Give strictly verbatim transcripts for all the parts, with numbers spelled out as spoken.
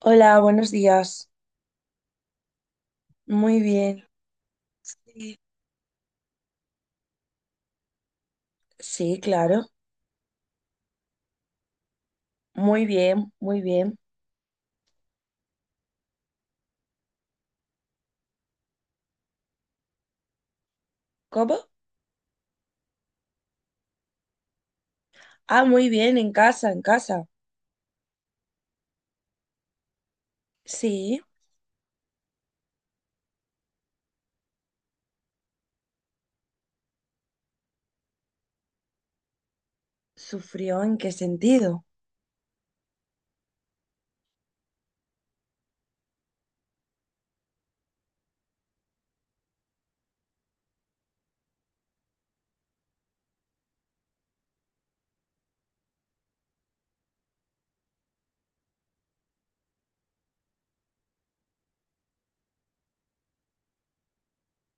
Hola, buenos días. Muy bien. Sí, sí, claro. Muy bien, muy bien. ¿Cómo? Ah, muy bien, en casa, en casa. Sí. ¿Sufrió en qué sentido?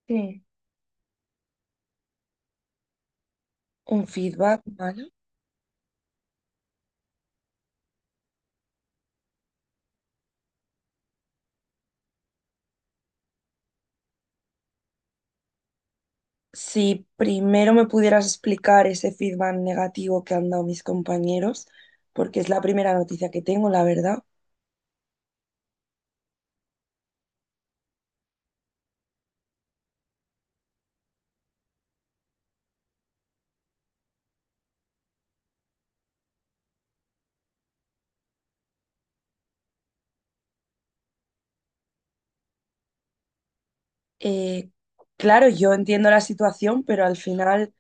Sí. ¿Un feedback malo? Si primero me pudieras explicar ese feedback negativo que han dado mis compañeros, porque es la primera noticia que tengo, la verdad. Eh, claro, yo entiendo la situación, pero al final.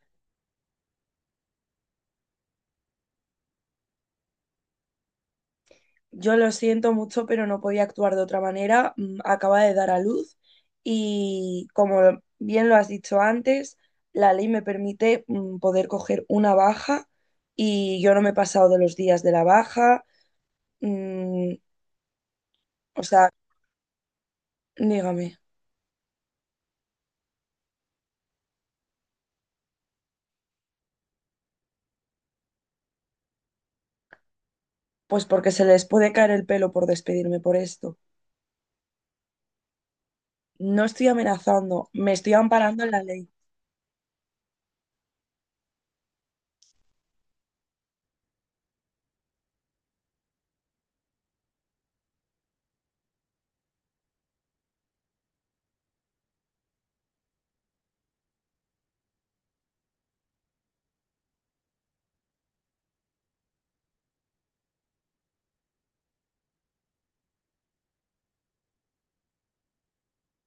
Yo lo siento mucho, pero no podía actuar de otra manera. Mm, Acaba de dar a luz y, como bien lo has dicho antes, la ley me permite mm, poder coger una baja y yo no me he pasado de los días de la baja. Mm, o sea, dígame. Pues porque se les puede caer el pelo por despedirme por esto. No estoy amenazando, me estoy amparando en la ley.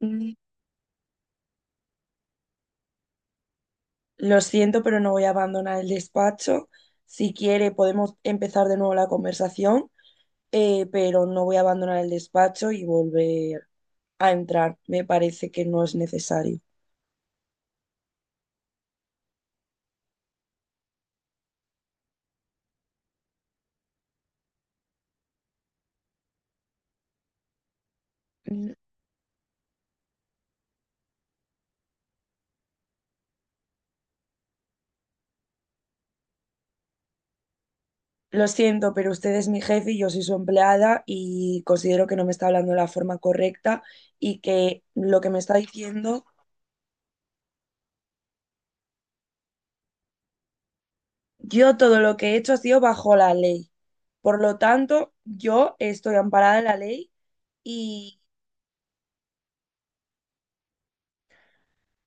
Mm, Lo siento, pero no voy a abandonar el despacho. Si quiere, podemos empezar de nuevo la conversación eh, pero no voy a abandonar el despacho y volver a entrar. Me parece que no es necesario. Mm, Lo siento, pero usted es mi jefe y yo soy su empleada y considero que no me está hablando de la forma correcta y que lo que me está diciendo, yo todo lo que he hecho ha sido bajo la ley. Por lo tanto, yo estoy amparada en la ley y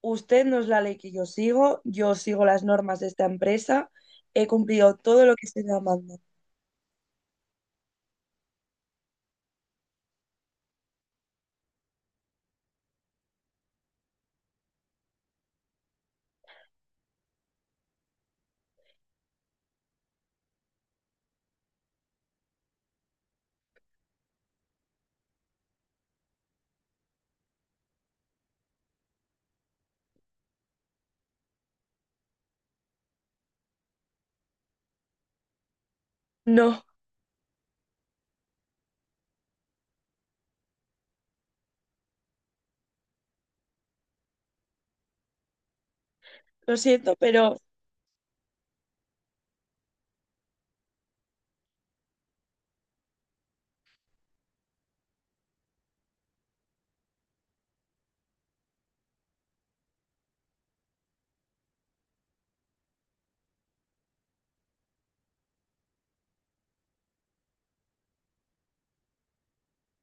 usted no es la ley que yo sigo, yo sigo las normas de esta empresa, he cumplido todo lo que se me manda. No, lo siento, pero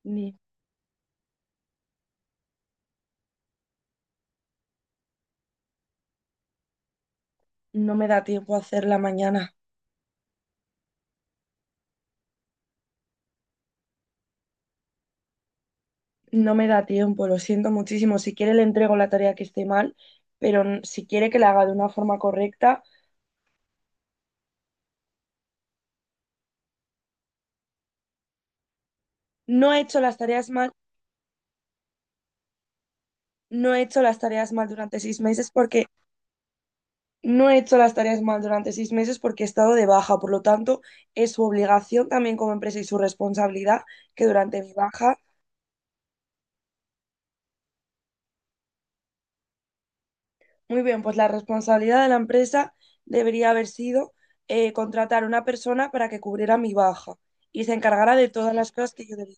ni- no me da tiempo a hacerla mañana. No me da tiempo, lo siento muchísimo. Si quiere le entrego la tarea que esté mal, pero n- si quiere que la haga de una forma correcta. No he hecho las tareas mal, No he hecho las tareas mal durante seis meses porque no he hecho las tareas mal durante seis meses porque he estado de baja. Por lo tanto, es su obligación también como empresa y su responsabilidad que durante mi baja. Muy bien, pues la responsabilidad de la empresa debería haber sido eh, contratar a una persona para que cubriera mi baja y se encargara de todas las cosas que yo debía.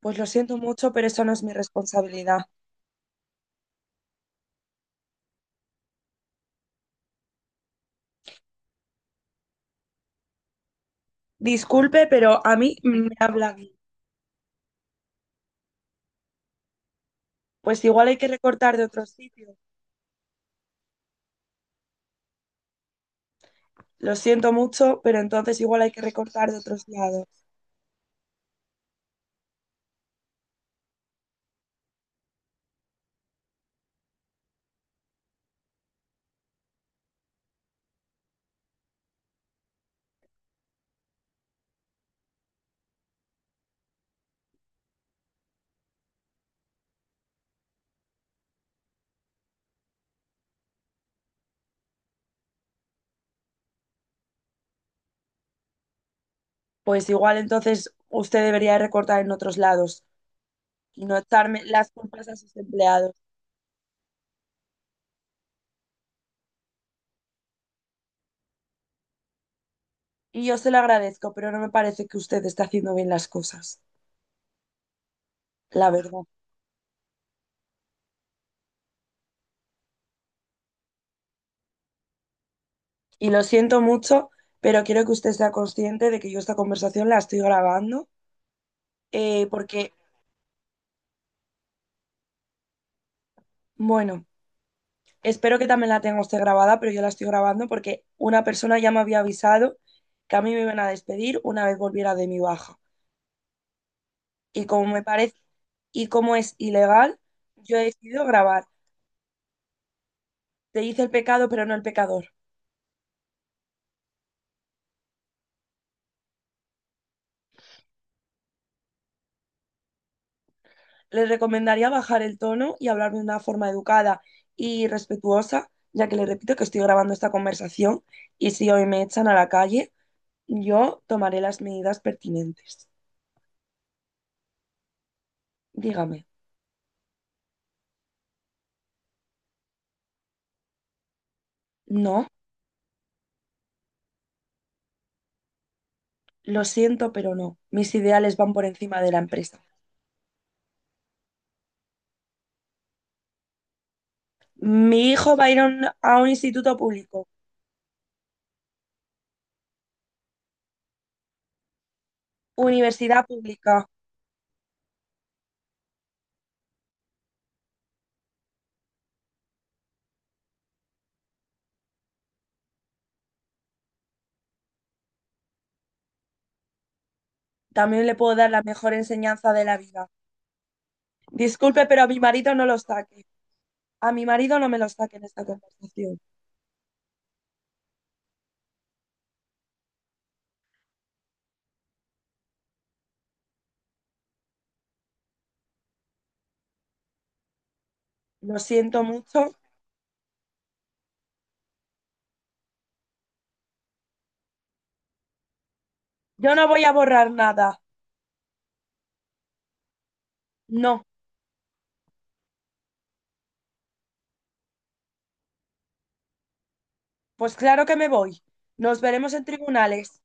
Pues lo siento mucho, pero eso no es mi responsabilidad. Disculpe, pero a mí me habla bien. Pues igual hay que recortar de otros sitios. Lo siento mucho, pero entonces igual hay que recortar de otros lados. Pues igual entonces usted debería recortar en otros lados y no echarme las culpas a sus empleados. Y yo se lo agradezco, pero no me parece que usted esté haciendo bien las cosas, la verdad. Y lo siento mucho, pero quiero que usted sea consciente de que yo esta conversación la estoy grabando, eh, porque, bueno, espero que también la tenga usted grabada, pero yo la estoy grabando porque una persona ya me había avisado que a mí me iban a despedir una vez volviera de mi baja. Y como me parece, y como es ilegal, yo he decidido grabar. Te hice el pecado, pero no el pecador. Les recomendaría bajar el tono y hablar de una forma educada y respetuosa, ya que les repito que estoy grabando esta conversación y si hoy me echan a la calle, yo tomaré las medidas pertinentes. Dígame. No, lo siento, pero no. Mis ideales van por encima de la empresa. Mi hijo va a ir a un, a un instituto público, universidad pública. También le puedo dar la mejor enseñanza de la vida. Disculpe, pero a mi marido no lo saque. A mi marido no me lo saque en esta conversación. Lo siento mucho. Yo no voy a borrar nada. No, pues claro que me voy. Nos veremos en tribunales.